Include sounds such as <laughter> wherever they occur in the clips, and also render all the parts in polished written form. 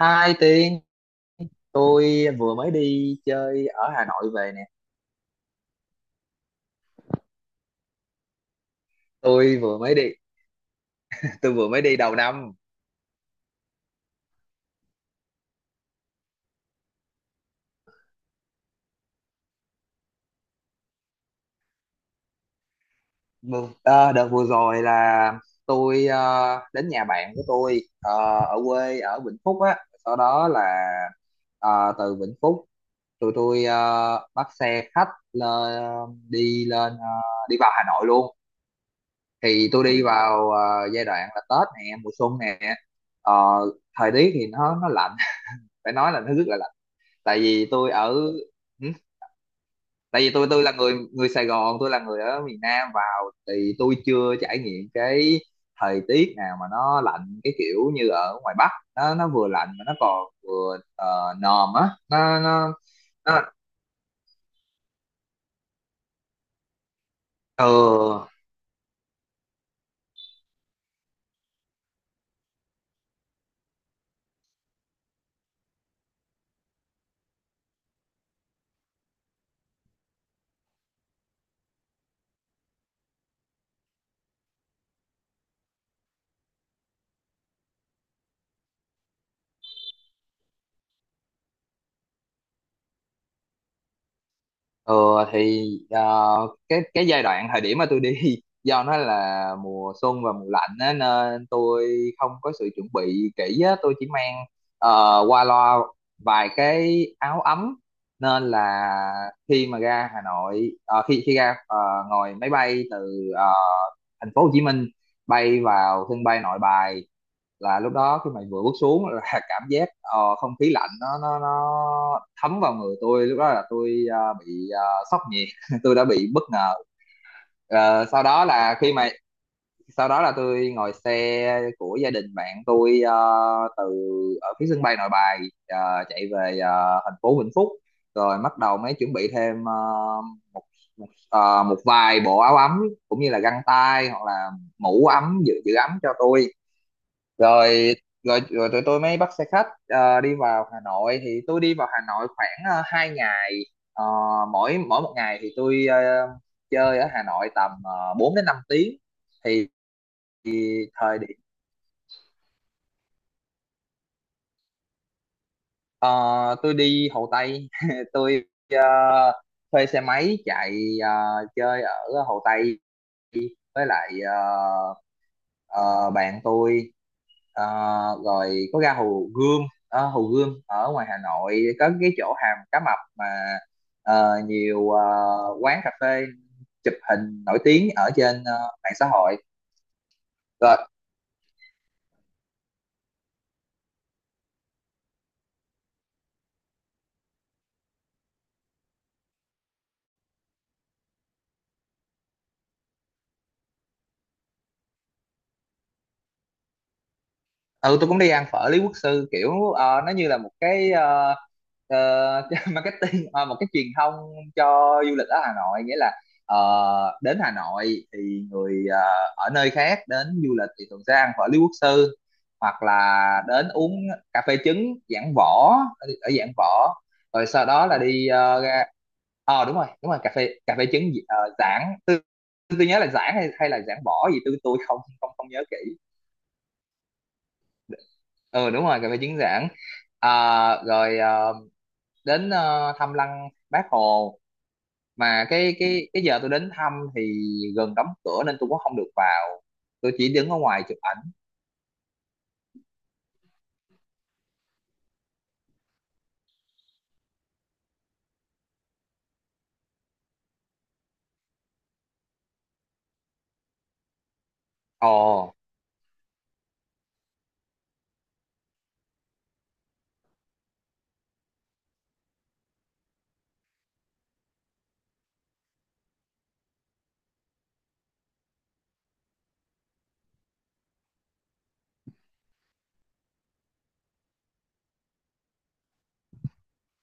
2 tiếng, tôi vừa mới đi chơi ở Hà Nội về nè. Tôi vừa mới đi <laughs> Tôi vừa mới đi đầu năm. Đợt vừa rồi là tôi đến nhà bạn của tôi, ở quê ở Vĩnh Phúc á. Sau đó là ờ, từ Vĩnh Phúc, tụi tôi bắt xe khách lên, đi lên, đi vào Hà Nội luôn. Thì tôi đi vào giai đoạn là Tết nè, mùa xuân nè. Ờ, thời tiết thì nó lạnh <laughs> phải nói là nó rất là, tại vì tôi ở, ừ, tại vì tôi là người người Sài Gòn, tôi là người ở miền Nam vào, thì tôi chưa trải nghiệm cái thời tiết nào mà nó lạnh cái kiểu như ở ngoài Bắc. Nó vừa lạnh mà nó còn vừa nồm á, nó ừ. Ờ thì cái giai đoạn thời điểm mà tôi đi <laughs> do nó là mùa xuân và mùa lạnh á, nên tôi không có sự chuẩn bị kỹ á, tôi chỉ mang qua loa vài cái áo ấm, nên là khi mà ra Hà Nội, ờ, khi khi ra ờ, ngồi máy bay từ thành phố Hồ Chí Minh bay vào sân bay Nội Bài. Là lúc đó khi mà vừa bước xuống là <laughs> cảm giác không khí lạnh nó thấm vào người tôi. Lúc đó là tôi bị sốc nhiệt <laughs> tôi đã bị bất ngờ. Ờ, sau đó là khi mà sau đó là tôi ngồi xe của gia đình bạn tôi, từ ở phía sân bay Nội Bài, chạy về thành phố Vĩnh Phúc, rồi bắt đầu mới chuẩn bị thêm ờ, một một, ờ, một vài bộ áo ấm, cũng như là găng tay, hoặc là mũ ấm giữ giữ ấm cho tôi. Rồi rồi rồi tụi tôi mới bắt xe khách đi vào Hà Nội. Thì tôi đi vào Hà Nội khoảng 2 ngày. Ờ, mỗi mỗi một ngày thì tôi chơi ở Hà Nội tầm 4 đến 5 tiếng. Thì, thì thời điểm ờ, Tôi đi Hồ Tây <laughs> tôi ờ, thuê xe máy chạy ờ, chơi ở Hồ Tây, với lại ờ, ờ, bạn tôi. Ờ, rồi có ra Hồ Gươm. Hồ Gươm ở ngoài Hà Nội có cái chỗ Hàm Cá Mập mà nhiều quán cà phê chụp hình nổi tiếng ở trên mạng xã hội. Rồi ừ, tôi cũng đi ăn phở Lý Quốc Sư, kiểu nó như là một cái <laughs> marketing, một cái truyền thông cho du lịch ở Hà Nội. Nghĩa là ờ, đến Hà Nội thì người ở nơi khác đến du lịch thì thường sẽ ăn phở Lý Quốc Sư, hoặc là đến uống cà phê trứng Giảng Võ ở ở Giảng Võ. Rồi sau đó là đi ra, ờ đúng rồi, đúng rồi, cà phê trứng Giảng. Tôi nhớ là Giảng hay hay là Giảng Võ gì, tôi không không không nhớ kỹ. Ừ đúng rồi, cà phê chứng giảng. À, rồi đến thăm lăng Bác Hồ, mà cái giờ tôi đến thăm thì gần đóng cửa nên tôi cũng không được vào, tôi chỉ đứng ở ngoài chụp ảnh. Ồ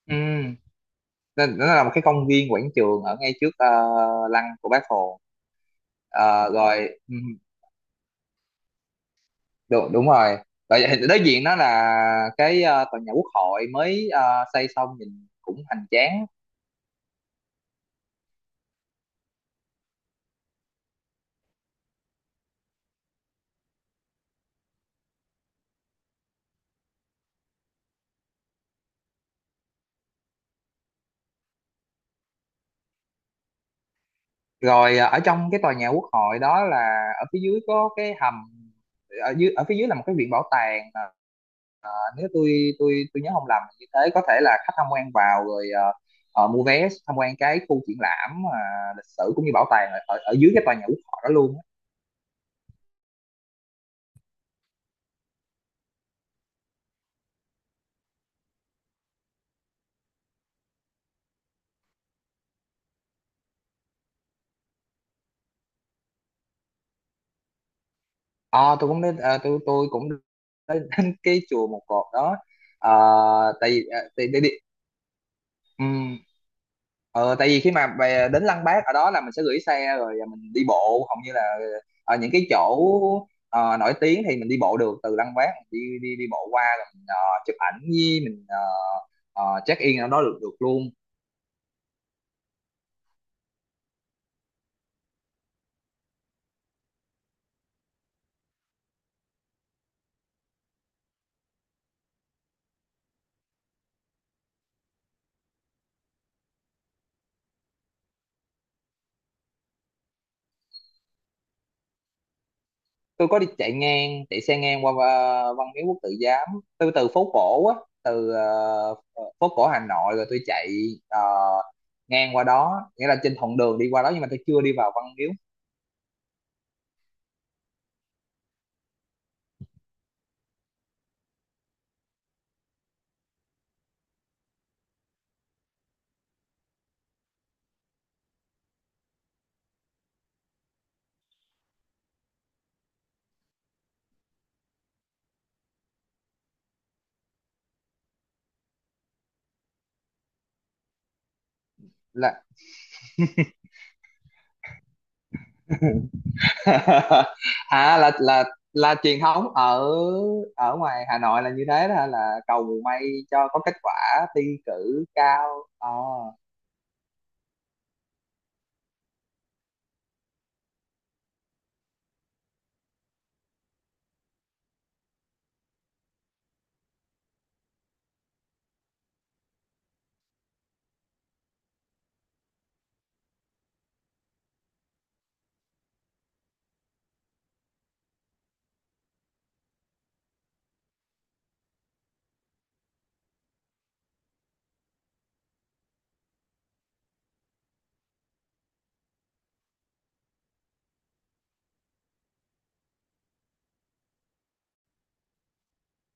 ừ, nó là một cái công viên quảng trường ở ngay trước lăng của Bác Hồ. Ờ, rồi ừ, đúng rồi. Rồi đối diện đó là cái tòa nhà Quốc hội mới xây xong nhìn cũng hoành tráng. Rồi à, ở trong cái tòa nhà quốc hội đó là ở phía dưới có cái hầm, ở dưới ở phía dưới là một cái viện bảo tàng. À, à, nếu tôi tôi nhớ không lầm như thế, có thể là khách tham quan vào, rồi à mua vé tham quan cái khu triển lãm, à, lịch sử, cũng như bảo tàng ở, ở ở dưới cái tòa nhà quốc hội đó luôn á. Ờ, tôi cũng đến tôi cũng đến <laughs> đến cái chùa Một Cột đó. Ờ, tại vì à, tại, tại, vì- ừm, ờ, tại vì khi mà về đến Lăng Bác ở đó là mình sẽ gửi xe rồi mình đi bộ, hầu như là ở những cái chỗ nổi tiếng thì mình đi bộ được. Từ Lăng Bác mình đi đi đi bộ qua rồi mình chụp ảnh, với mình check in ở đó được được luôn. Tôi có đi chạy ngang, chạy xe ngang qua Văn Miếu Quốc Tử Giám. Tôi từ phố cổ á, từ phố cổ Hà Nội, rồi tôi chạy ờ, ngang qua đó, nghĩa là trên thuận đường đi qua đó, nhưng mà tôi chưa đi vào Văn Miếu. Là <laughs> à là truyền thống ở ở ngoài Hà Nội là như thế đó hả? Là cầu mùa may cho có kết quả thi cử cao. Ờ.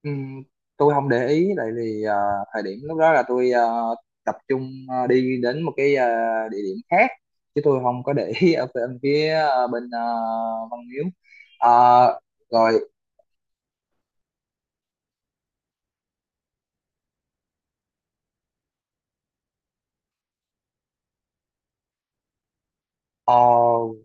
Ừm, tôi không để ý, tại vì thời điểm lúc đó là tôi tập trung đi đến một cái địa điểm khác, chứ tôi không có để ý ở bên phía Văn Miếu. Ờ, rồi. Ồ, oh,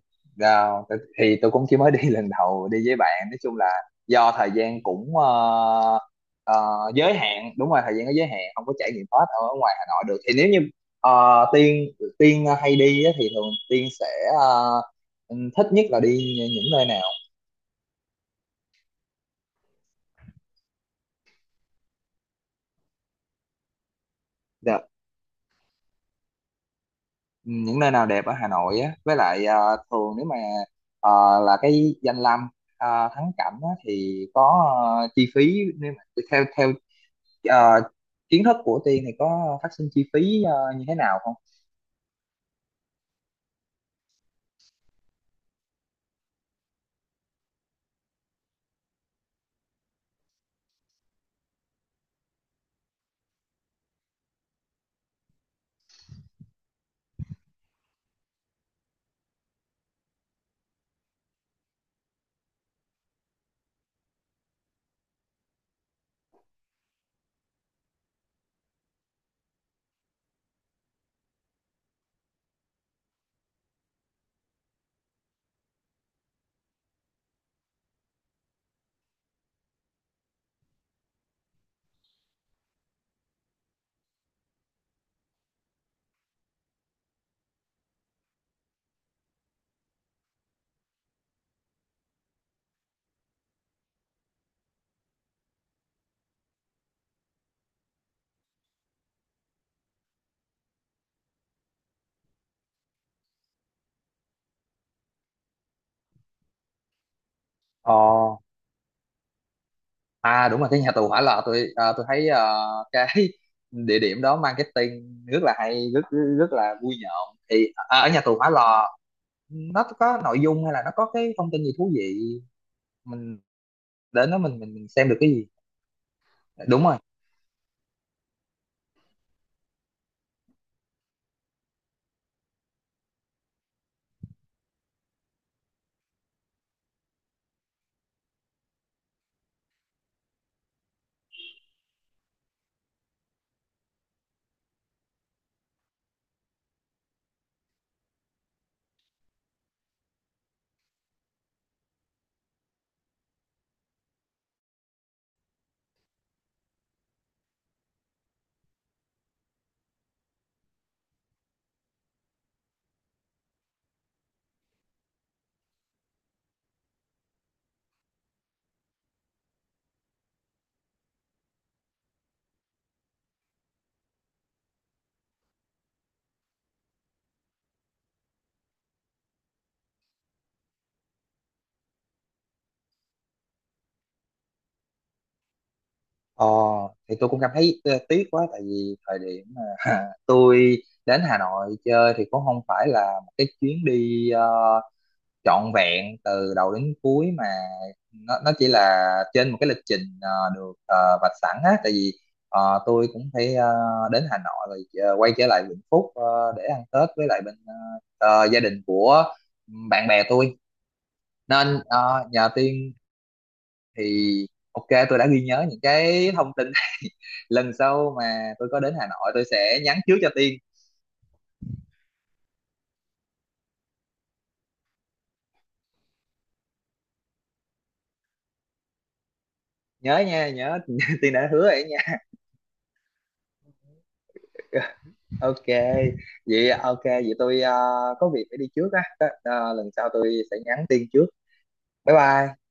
thì tôi cũng chỉ mới đi <laughs> lần đầu đi với bạn, nói chung là do thời gian cũng ờ, giới hạn. Đúng rồi, thời gian có giới hạn, không có trải nghiệm hết ở ngoài Hà Nội được. Thì nếu như ờ, Tiên, hay đi á, thì thường Tiên sẽ ờ, thích nhất là đi những nơi nào? Dạ, những nơi nào đẹp ở Hà Nội á, với lại thường nếu mà ờ, là cái danh lam thắng cảnh á, thì có chi phí, nếu mà theo theo ờ, kiến thức của Tiên thì có phát sinh chi phí như thế nào không? Ờ, à đúng rồi, cái nhà tù Hỏa Lò, tôi tôi thấy cái <laughs> địa điểm đó marketing rất là hay, rất rất rất là vui nhộn. Thì à, ở nhà tù Hỏa Lò nó có nội dung, hay là nó có cái thông tin gì thú vị, mình đến đó mình mình xem được cái gì? Đúng rồi. Ờ thì tôi cũng cảm thấy tiếc quá, tại vì thời điểm mà tôi đến Hà Nội chơi thì cũng không phải là một cái chuyến đi trọn vẹn từ đầu đến cuối, mà nó chỉ là trên một cái lịch trình vạch sẵn á. Tại vì tôi cũng phải đến Hà Nội rồi quay trở lại Vĩnh Phúc để ăn Tết với lại bên gia đình của bạn bè tôi, nên nhờ Tiên. Thì ok, tôi đã ghi nhớ những cái thông tin này <laughs> lần sau mà tôi có đến Hà Nội tôi sẽ nhắn trước cho Tiên. Nhớ nha, nhớ <laughs> Tiên đã hứa vậy nha. Ok vậy à, ok vậy tôi có việc phải đi trước á. Đó, ờ, lần sau tôi sẽ nhắn tin trước. Bye bye.